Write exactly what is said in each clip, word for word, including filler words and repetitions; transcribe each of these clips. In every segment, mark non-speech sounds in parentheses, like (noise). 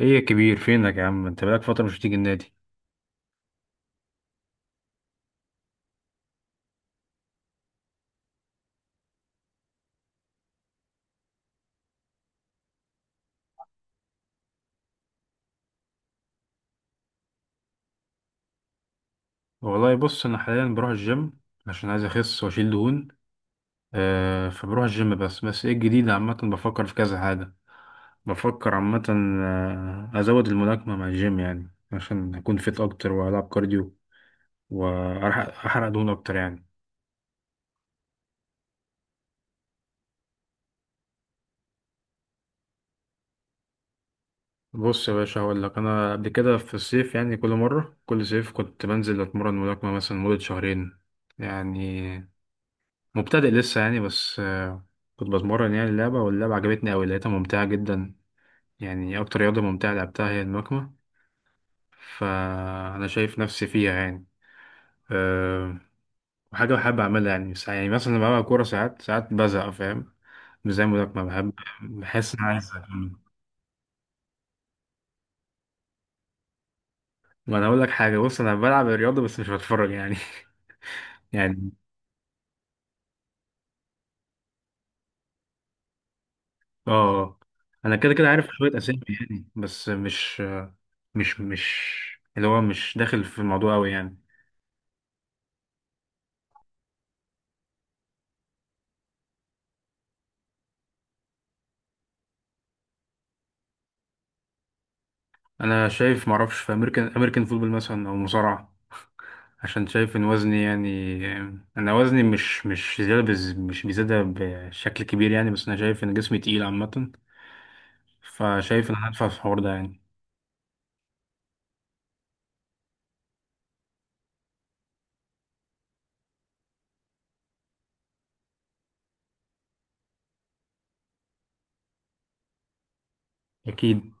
ايه يا كبير، فينك يا عم؟ انت بقالك فترة مش بتيجي النادي. والله بص، انا حاليا بروح الجيم عشان عايز اخس واشيل دهون. آه فبروح الجيم، بس بس ايه الجديد. عامة بفكر في كذا حاجة، بفكر عامة. آه، ازود الملاكمة مع الجيم يعني عشان اكون فيت اكتر والعب كارديو واحرق أحرق دهون اكتر يعني. بص يا باشا، هقول لك. انا قبل كده في الصيف يعني، كل مرة كل صيف كنت بنزل اتمرن ملاكمة مثلا مدة شهرين يعني. مبتدئ لسه يعني، بس آه، كنت بتمرن يعني. اللعبة، واللعبة عجبتني أوي، لقيتها ممتعة جدا يعني. أكتر رياضة ممتعة لعبتها هي الملاكمة. فأنا شايف نفسي فيها يعني. أه وحاجة بحب أعملها يعني. ساع- يعني مثلا لما بلعب كورة ساعات ساعات بزهق فاهم، مش زي الملاكمة، بحب بحس إن أنا عايز أكمل. ما أنا أقول لك حاجة، بص، أنا بلعب الرياضة بس مش بتفرج يعني. (laughs) يعني آه آه. أنا كده كده عارف شوية أسامي يعني، بس مش مش مش اللي هو مش داخل في الموضوع أوي يعني. انا شايف، معرفش، في امريكان امريكان فوتبول مثلا او مصارعه، عشان شايف ان وزني يعني. انا وزني مش مش زياده بز... مش بيزيادة بشكل كبير يعني، بس انا شايف ان جسمي تقيل عامه. فشايف ان انا هدفع في الحوار ده يعني. اكيد.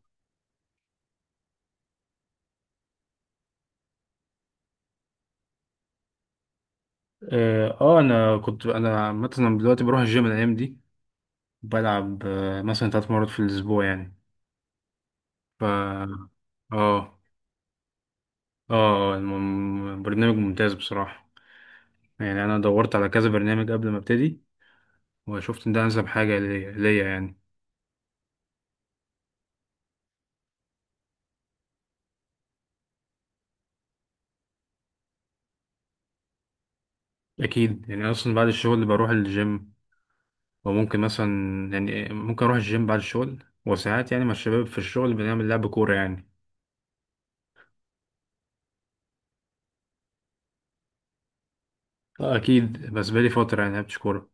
اه آه، انا كنت انا مثلا دلوقتي بروح الجيم الايام دي، بلعب آه، مثلا ثلاث مرات في الاسبوع يعني. ف اه اه. آه، الم- برنامج ممتاز بصراحه يعني. انا دورت على كذا برنامج قبل ما ابتدي، وشفت ان ده انسب حاجه ليا ليا يعني. اكيد يعني، اصلا بعد الشغل بروح الجيم، وممكن مثلا، يعني ممكن اروح الجيم بعد الشغل، وساعات يعني مع الشباب في الشغل بنعمل لعب كوره يعني. آه، اكيد، بس بقالي فتره يعني لعبتش كوره.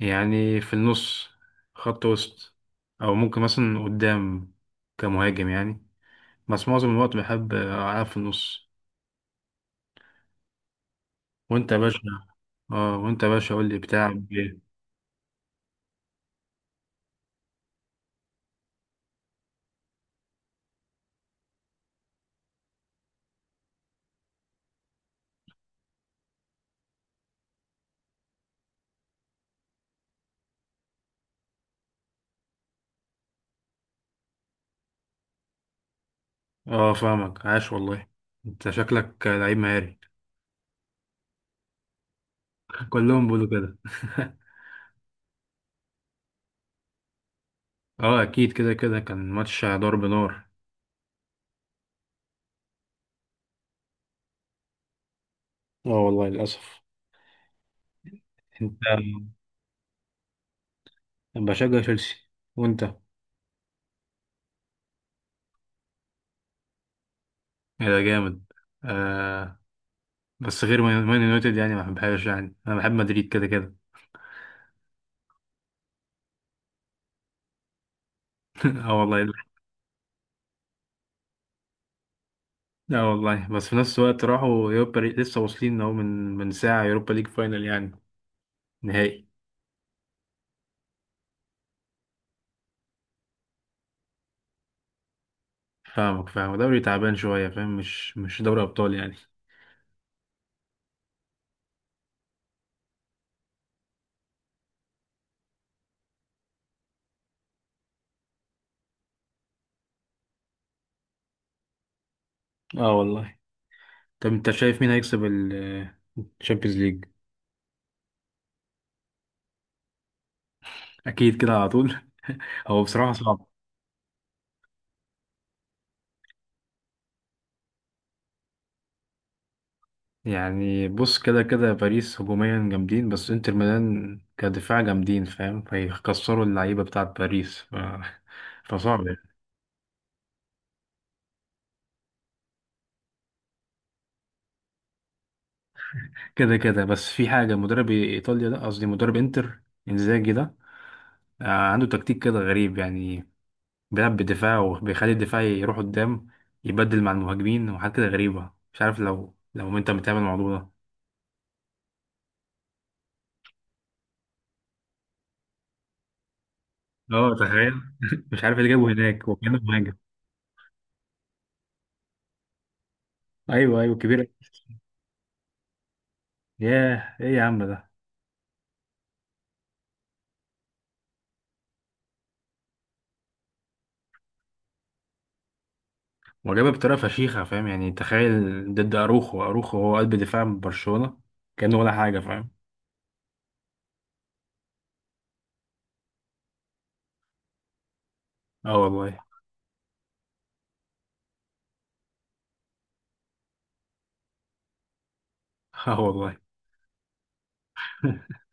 يعني في النص، خط وسط، او ممكن مثلا قدام كمهاجم يعني، بس معظم الوقت بحب العب في النص. وانت يا باشا؟ اه، وانت يا باشا، قول لي بتلعب ايه؟ اه فاهمك، عاش والله. انت شكلك لعيب مهاري. (laughs) كلهم بيقولوا كده. (laughs) اه اكيد، كده كده كان ماتش ضرب نار. اه والله، للأسف. انت أنا بشجع تشيلسي. وأنت؟ إيه ده جامد. آه، بس غير مان مان يونايتد يعني، ما بحبهاش يعني، انا بحب مدريد كده كده. (laughs) اه والله. اه والله، بس في نفس الوقت راحوا يوروبا ليج لسه واصلين اهو، من من ساعة يوروبا ليج فاينل يعني، نهائي. فاهمك، فاهم دوري تعبان شوية، فاهم مش مش دوري ابطال يعني. اه والله. طب انت شايف مين هيكسب الشامبيونز ليج؟ اكيد كده، على طول. (laughs) هو بصراحة صعب يعني. بص، كده كده باريس هجوميا جامدين، بس انتر ميلان كدفاع جامدين فاهم، فيكسروا اللعيبة بتاعت باريس ف... (laughs) فصعب يعني. كده كده، بس في حاجة، مدرب ايطاليا ده، قصدي مدرب انتر، انزاجي ده، آه، عنده تكتيك كده غريب يعني، بيلعب بدفاع وبيخلي الدفاع يروح قدام، يبدل مع المهاجمين وحاجات كده غريبة، مش عارف لو لو انت متابع الموضوع ده. اه تخيل. (laughs) مش عارف اللي جابه هناك وكانه مهاجم. ايوه ايوه، كبير. ياه، ايه يا عم ده؟ وجابها بطريقه فشيخه فاهم يعني، تخيل ضد اروخو، اروخو هو قلب دفاع برشلونه، كانه ولا حاجه فاهم. اه والله. اه والله. (laughs)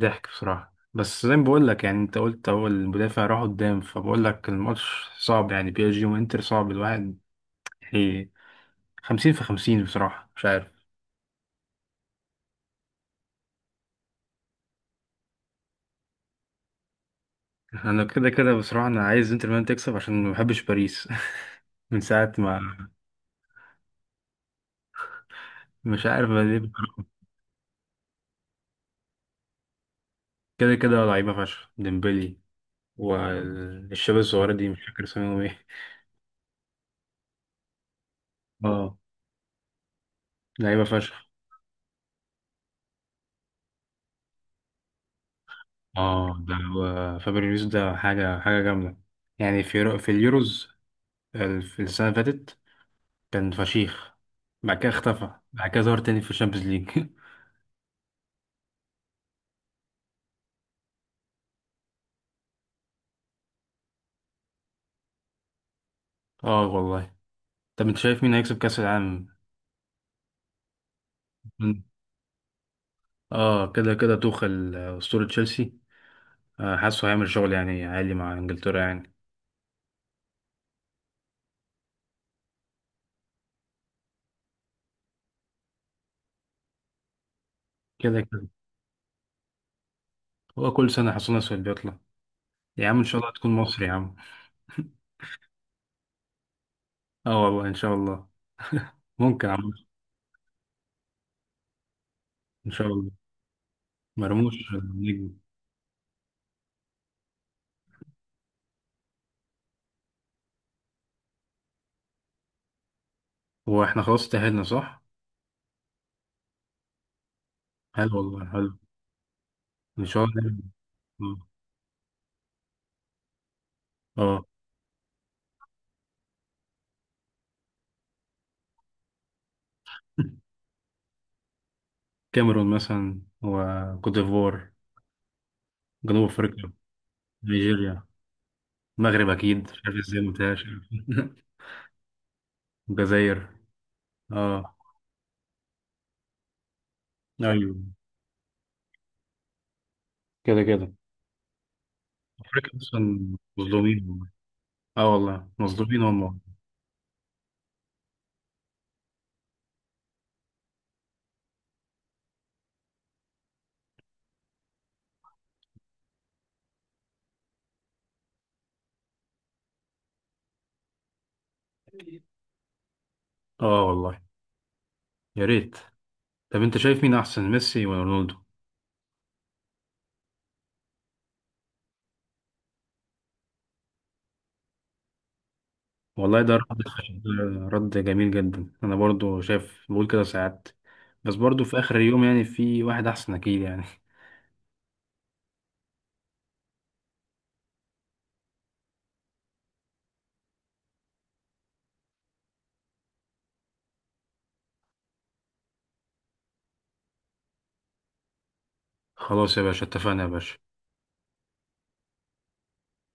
ضحك بصراحه. بس زي ما بقول لك يعني، انت قلت هو المدافع راح قدام، فبقول لك الماتش صعب يعني، بي اس جي وانتر صعب، الواحد يعني خمسين في خمسين بصراحه، مش عارف. (laughs) انا كده كده بصراحه، انا عايز انتر ميلان تكسب عشان ما بحبش باريس. (laughs) من ساعه ما، مش عارف ليه بصراحة. كده كده لعيبه فشخ، ديمبلي والشباب الصغيره دي مش فاكر اسمهم ايه. (laughs) اه، لعيبة فشخ. اه، ده هو فابريو يوسف، ده حاجة حاجة جامدة يعني. في يورو- في اليوروز ال- في السنة اللي فاتت كان فشيخ، بعد كده اختفى، بعد كده ظهر تاني في الشامبيونز ليج. (laughs) اه والله. طب انت شايف مين هيكسب كأس العالم؟ مم. اه كده كده توخل، آه، أسطورة تشيلسي، آه، حاسه هيعمل شغل يعني عالي مع انجلترا يعني. كده كده. هو كل سنة حصلنا سؤال بيطلع، يا عم ان شاء الله تكون مصر يا عم. (laughs) اه والله، ان شاء الله. (laughs) ممكن يا عم. ان شاء الله. مرموش آه، نجم. هو احنا خلاص تأهلنا صح؟ حلو والله، حلو. ان شاء الله يعني. اه آه. كاميرون مثلا، وكوت ديفوار، جنوب افريقيا، نيجيريا، المغرب اكيد، مش عارف ازاي ما قلتهاش. (laughs) الجزائر. اه. ايوه. كده كده، افريقيا اصلا مظلومين والله. اه والله، مظلومين والله. اه والله، يا ريت. طب انت شايف مين احسن، ميسي ولا رونالدو؟ والله، ده رد ده رد جميل جدا. انا برضو شايف، بقول كده ساعات، بس برضو في اخر اليوم يعني في واحد احسن اكيد يعني. (laughs) خلاص يا باشا، اتفقنا يا باشا.